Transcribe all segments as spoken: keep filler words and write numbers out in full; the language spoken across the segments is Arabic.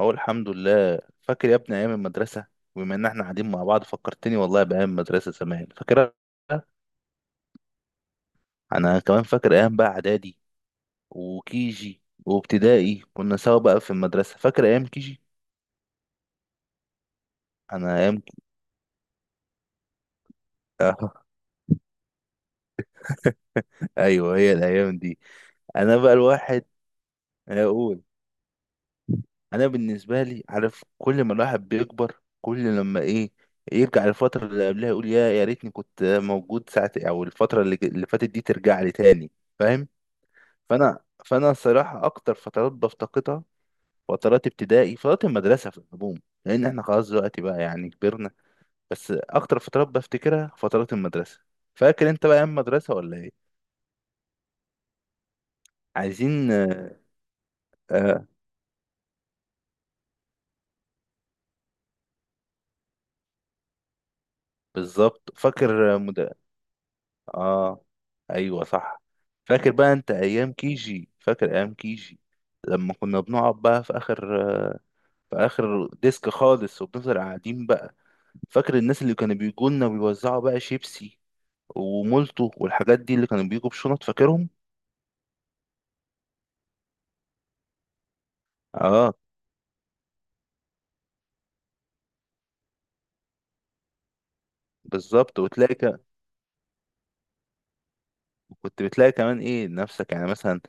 اهو الحمد لله. فاكر يا ابني ايام المدرسه؟ بما ان احنا قاعدين مع بعض فكرتني والله بايام المدرسه زمان، فاكرها. انا كمان فاكر ايام بقى اعدادي وكيجي وابتدائي، كنا سوا بقى في المدرسه. فاكر ايام كيجي؟ انا ايام ك... آه. ايوه هي الايام دي. انا بقى الواحد اقول، انا بالنسبه لي عارف، كل ما الواحد بيكبر كل لما ايه، يرجع للفتره اللي قبلها يقول يا يا ريتني كنت موجود ساعه، او الفتره اللي اللي فاتت دي ترجع لي تاني، فاهم؟ فانا فانا الصراحه اكتر فترات بفتقدها، فترات ابتدائي، فترات المدرسه في العموم، لان احنا خلاص دلوقتي بقى يعني كبرنا. بس اكتر فترات بفتكرها فترات المدرسه. فاكر انت بقى ايام المدرسه ولا ايه؟ عايزين آه. آه، بالظبط. فاكر مد... اه، ايوه صح. فاكر بقى انت ايام كيجي؟ فاكر ايام كيجي لما كنا بنقعد بقى في اخر، في اخر ديسك خالص، وبنفضل قاعدين بقى. فاكر الناس اللي كانوا بيجوا لنا ويوزعوا بقى شيبسي ومولتو والحاجات دي، اللي كانوا بيجوا بشنط، فاكرهم؟ اه بالظبط. وتلاقي ك... كنت بتلاقي كمان ايه، نفسك يعني مثلا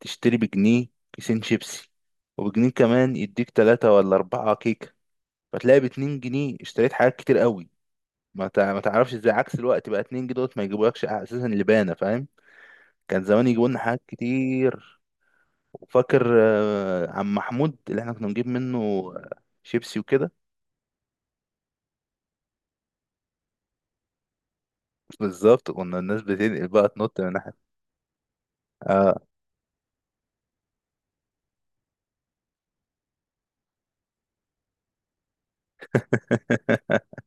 تشتري بجنيه كيسين شيبسي، وبجنيه كمان يديك تلاتة ولا أربعة كيكة، فتلاقي باتنين جنيه اشتريت حاجات كتير قوي. ما تع- ما تعرفش ازاي، عكس الوقت بقى اتنين جنيه دوت ما يجيبولكش اساسا لبانة، فاهم؟ كان زمان يجيبوا لنا حاجات كتير. وفاكر آه، عم محمود اللي احنا كنا بنجيب منه آه، شيبسي وكده؟ بالظبط، كنا الناس بتنقل بقى، تنط من ناحية. آه،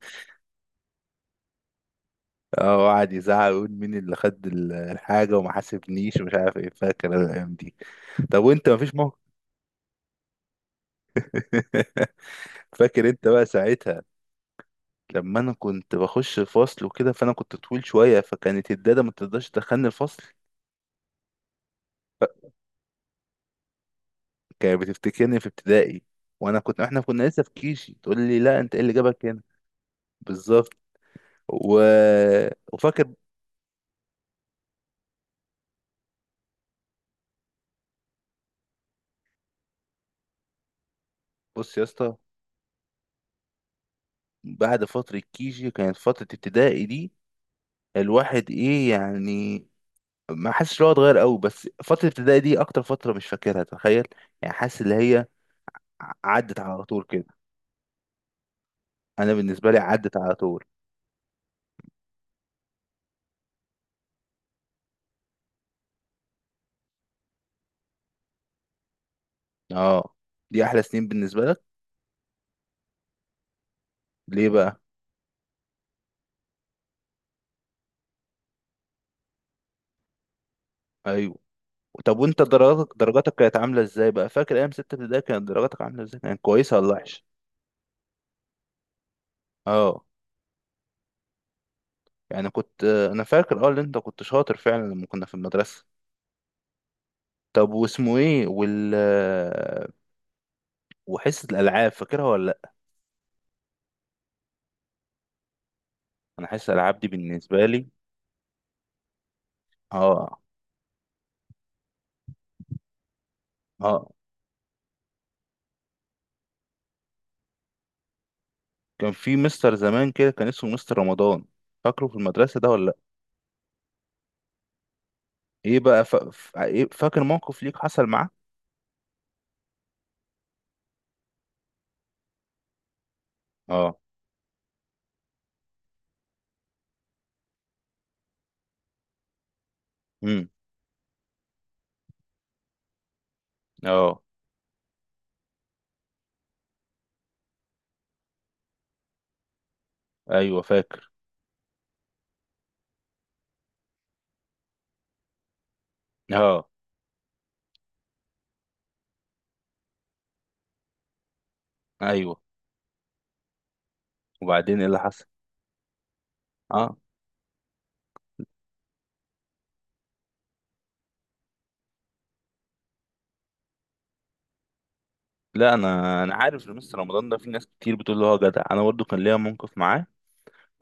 اه، وقعد يزعق ويقول مين اللي خد ال- الحاجة وما حاسبنيش ومش عارف ايه، فاكر انا الايام دي. طب وانت مفيش موقف؟ فاكر انت بقى ساعتها لما انا كنت بخش الفصل وكده، فانا كنت طويل شوية، فكانت الدادة ما تقدرش تدخلني الفصل، كانت بتفتكرني في ابتدائي، وانا كنت، احنا كنا لسه في كيشي، تقول لي لا انت ايه اللي جابك هنا. بالظبط. و... وفاكر، بص يا اسطى، بعد فترة كيجي كانت فترة ابتدائي دي، الواحد ايه يعني ما حاسس ان هو اتغير قوي، بس فتره الابتدائي دي اكتر فتره مش فاكرها، تخيل. يعني حاسس اللي هي ع- عدت على طول كده. انا بالنسبه لي عدت على طول. اه، دي احلى سنين بالنسبه لك؟ ليه بقى؟ ايوه. طب وانت درجاتك، درجاتك كانت عامله ازاي بقى؟ فاكر ايام سته ابتدائي كانت درجاتك عامله ازاي؟ كانت كويسه ولا وحشه؟ اه، يعني كنت انا فاكر اه ان انت كنت شاطر فعلا لما كنا في المدرسه. طب واسمه ايه وال، وحصه الالعاب فاكرها ولا لا؟ انا حصه الالعاب دي بالنسبه لي اه. اه، كان في مستر زمان كده كان اسمه مستر رمضان، فاكره في المدرسة ده ولا لأ؟ ايه بقى ف... ف... إيه، فاكر موقف ليك حصل معاه؟ اه. امم. اه، ايوه فاكر. اه، ايوه. وبعدين ايه اللي حصل؟ اه. لا، انا انا عارف إن مستر رمضان ده في ناس كتير بتقول له هو جدع. انا برضو كان ليا موقف معاه.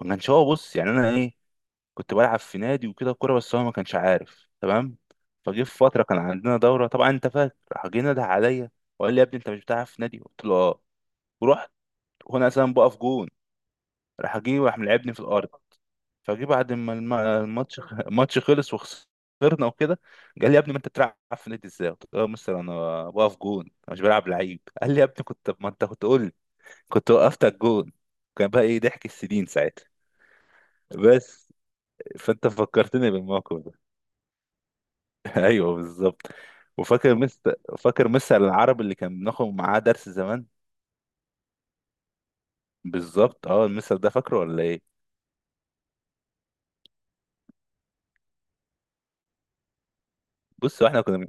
ما كانش هو بص، يعني انا ايه، كنت بلعب في نادي وكده كوره، بس هو ما كانش عارف تمام. فجه في فتره كان عندنا دوره، طبعا انت فاكر، راح جه نده عليا وقال لي يا ابني انت مش بتلعب في نادي؟ قلت له اه. ورحت، وانا اساسا بقف جون، راح جه وراح ملعبني في الارض. فجه بعد ما الم- الماتش الماتش خلص وخسرنا وكده، قال لي يا ابني ما انت بتلعب في نادي ازاي؟ قلت له يا مستر انا واقف جون، انا مش بلعب لعيب. قال لي يا ابني كنت، ما انت كنت قول لي كنت وقفت على الجون. كان بقى ايه ضحك السنين ساعتها. بس فانت فكرتني بالموقف ده. ايوه بالظبط. وفاكر مستر، فاكر مستر العربي اللي كان بناخد معاه درس زمان؟ بالظبط، اه المستر ده فاكره ولا ايه؟ بص احنا كنا،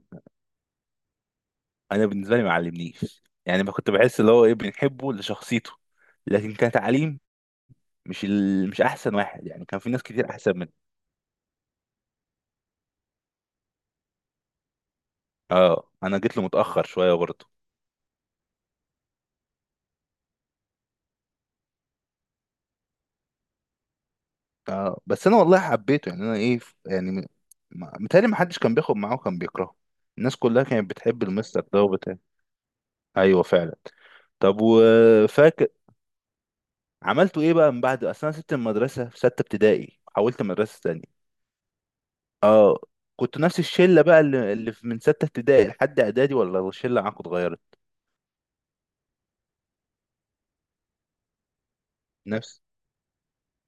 انا بالنسبه لي ما علمنيش يعني، ما كنت بحس اللي هو ايه بنحبه لشخصيته، لكن كتعليم مش ال... مش احسن واحد يعني، كان في ناس كتير احسن منه. اه انا جيت له متاخر شويه برضه. اه بس انا والله حبيته يعني انا ايه، يعني م- ما- متهيألي ما حدش كان بياخد معاه وكان بيكرهه. الناس كلها كانت بتحب المستر ده وبتاع. ايوه فعلا. طب وفاكر، عملتوا ايه بقى من بعد؟ اصل انا سبت المدرسه في سته ابتدائي، حولت مدرسه تانية. اه. كنت نفس الشله بقى اللي, اللي في- من سته ابتدائي لحد اعدادي، ولا الشله معاك اتغيرت؟ نفس.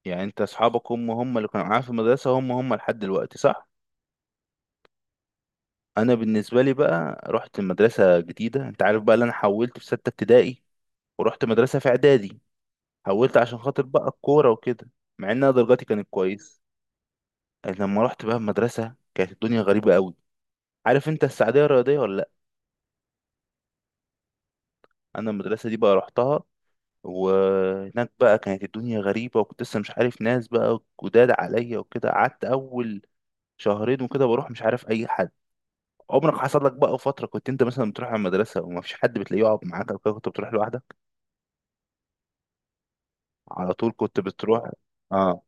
يعني انت اصحابك هم هم اللي كانوا معاك في المدرسه هم هم لحد دلوقتي، صح؟ انا بالنسبه لي بقى رحت مدرسه جديده، انت عارف بقى اللي انا حولت في سته ابتدائي، ورحت مدرسه في اعدادي، حولت عشان خاطر بقى الكوره وكده، مع ان انا درجاتي كانت كويس. لما رحت بقى المدرسه كانت الدنيا غريبه قوي. عارف انت السعوديه الرياضيه ولا لا؟ انا المدرسه دي بقى رحتها، وهناك بقى كانت الدنيا غريبة، وكنت لسه مش عارف ناس بقى جداد عليا وكده، قعدت أول شهرين وكده بروح مش عارف أي حد. عمرك حصل لك بقى فترة كنت أنت مثلا بتروح على المدرسة وما فيش حد بتلاقيه يقعد معاك أو كده، كنت بتروح لوحدك، على طول كنت بتروح؟ آه.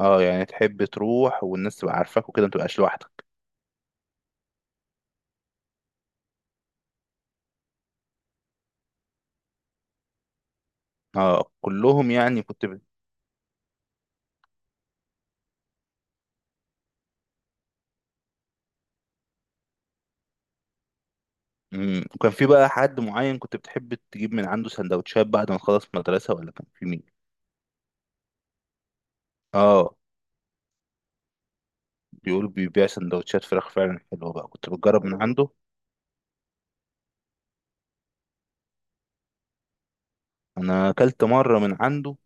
آه، يعني تحب تروح والناس تبقى عارفاك وكده ما تبقاش لوحدك. آه كلهم، يعني كنت ب... مم. وكان في بقى حد معين كنت بتحب تجيب من عنده سندوتشات بعد ما تخلص مدرسة، ولا كان في مين؟ اه، بيقول بيبيع سندوتشات فراخ فعلا حلوة بقى كنت بتجرب من عنده؟ انا اكلت مرة من عنده،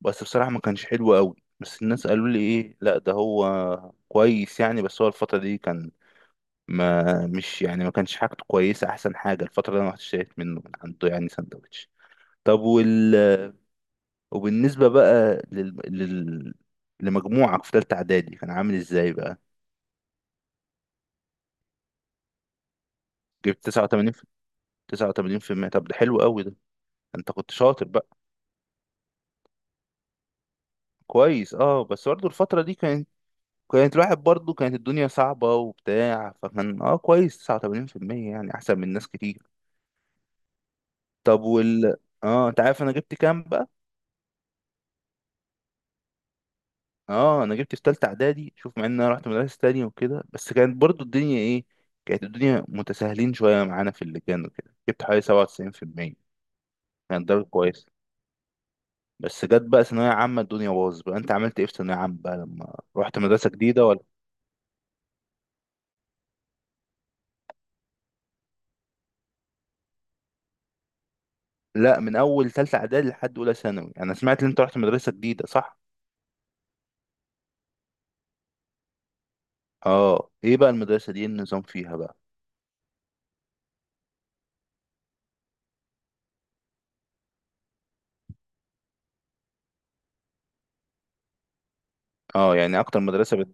بس بصراحة ما كانش حلو قوي، بس الناس قالوا لي ايه لا ده هو كويس يعني، بس هو الفترة دي كان ما مش يعني، ما كانش حاجته كويسة احسن حاجة الفترة اللي انا رحت اشتريت منه من عنده يعني سندوتش. طب وال، وبالنسبة بقى لل... لل... لمجموعك في تالتة اعدادي كان عامل ازاي بقى؟ جبت تسعة وثمانين في تسعة وثمانين في المية؟ طب ده حلو قوي ده، انت كنت شاطر بقى، كويس. اه بس برضه الفترة دي كانت، كانت الواحد برضه كانت الدنيا صعبة وبتاع، فكان اه كويس تسعة وثمانين في المية يعني أحسن من ناس كتير. طب وال، اه أنت عارف أنا جبت كام بقى؟ اه أنا جبت في تالتة إعدادي، شوف مع إن أنا رحت مدرسة تانية وكده، بس كانت برضه الدنيا إيه؟ كانت الدنيا متساهلين شوية معانا في اللجان وكده، جبت حوالي سبعة وتسعين في المية. كانت درجة كويسة. بس جت بقى ثانوية عامة الدنيا باظت بقى. أنت عملت إيه في ثانوية عامة بقى لما رحت مدرسة جديدة ولا؟ لا، من أول تالتة إعدادي لحد أولى ثانوي أنا سمعت إن أنت رحت مدرسة جديدة، صح؟ اه، ايه بقى المدرسة دي، إيه النظام فيها بقى؟ اه يعني اكتر مدرسة بت...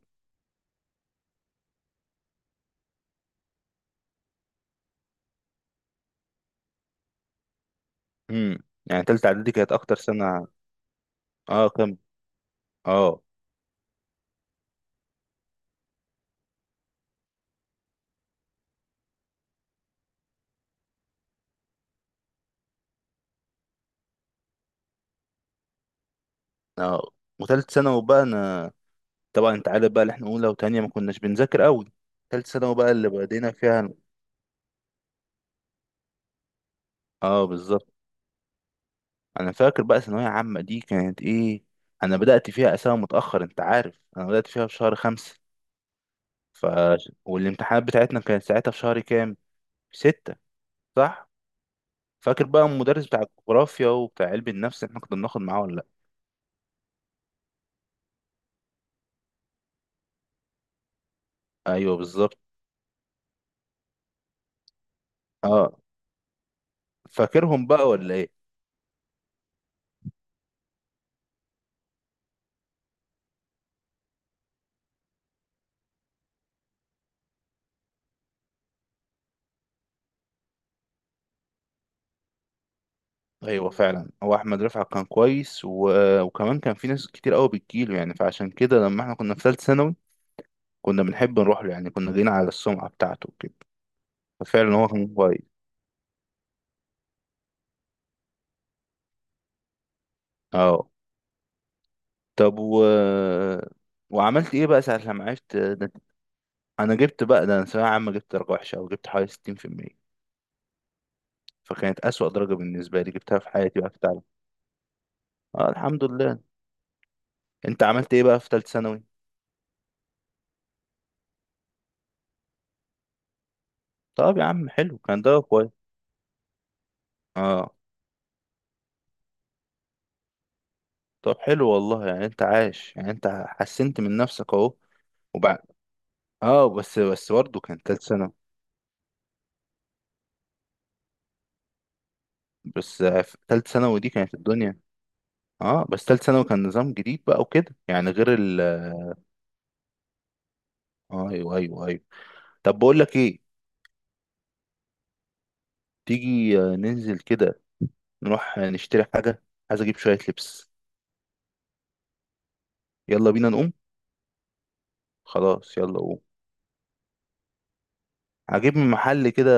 مم. يعني تالتة اعدادي كانت اكتر سنة؟ اه كم. اه. اه، وتالت ثانوي بقى انا، طبعا انت عارف بقى اللي احنا اولى وتانية ما كناش بنذاكر قوي، تالت ثانوي بقى اللي بدينا فيها. اه بالظبط. انا فاكر بقى ثانوية عامة دي كانت ايه، انا بدأت فيها اساسا متأخر، انت عارف انا بدأت فيها في شهر خمسة. ف، والامتحانات بتاعتنا كانت ساعتها في شهر كام؟ في ستة؟ صح. فاكر بقى المدرس بتاع الجغرافيا وبتاع علم النفس احنا كنا بناخد معاه ولا؟ ايوه بالظبط. اه، فاكرهم بقى ولا ايه؟ ايوه فعلا، هو احمد رفعت كان كويس، و... وكمان كان في ناس كتير قوي بتجيله يعني، فعشان كده لما احنا كنا في ثالثه ثانوي كنا بنحب نروح له، يعني كنا جايين على السمعه بتاعته كده. ففعلا هو كان كويس. اه، طب و، وعملت ايه بقى ساعه لما عرفت ده؟ انا جبت بقى ده، انا ثانويه عامه جبت درجه وحشه، او جبت حوالي ستين في المية، فكانت اسوأ درجه بالنسبه لي جبتها في حياتي بقى في التعليم. اه الحمد لله. انت عملت ايه بقى في ثالثه ثانوي؟ طب يا عم حلو كان ده، كويس. اه، طب حلو والله، يعني انت عايش يعني انت حسنت من نفسك اهو. وبعد، اه بس بس برضه كان تالت سنة، بس آه، في تالت سنة ودي كانت الدنيا، اه بس تالت سنة وكان نظام جديد بقى وكده، يعني غير ال آه، ايوه ايوه ايوه. طب بقول لك ايه، تيجي آه، ننزل كده، نروح آه، نشتري حاجة، عايز اجيب شوية لبس. يلا بينا نقوم. خلاص يلا قوم. هجيب من محل كده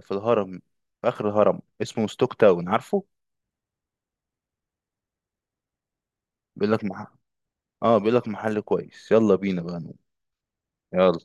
في الهرم، في اخر الهرم، اسمه ستوك تاون، عارفه؟ بيقول لك مح... اه بيقول لك محل كويس، يلا بينا بقى نقوم، يلا.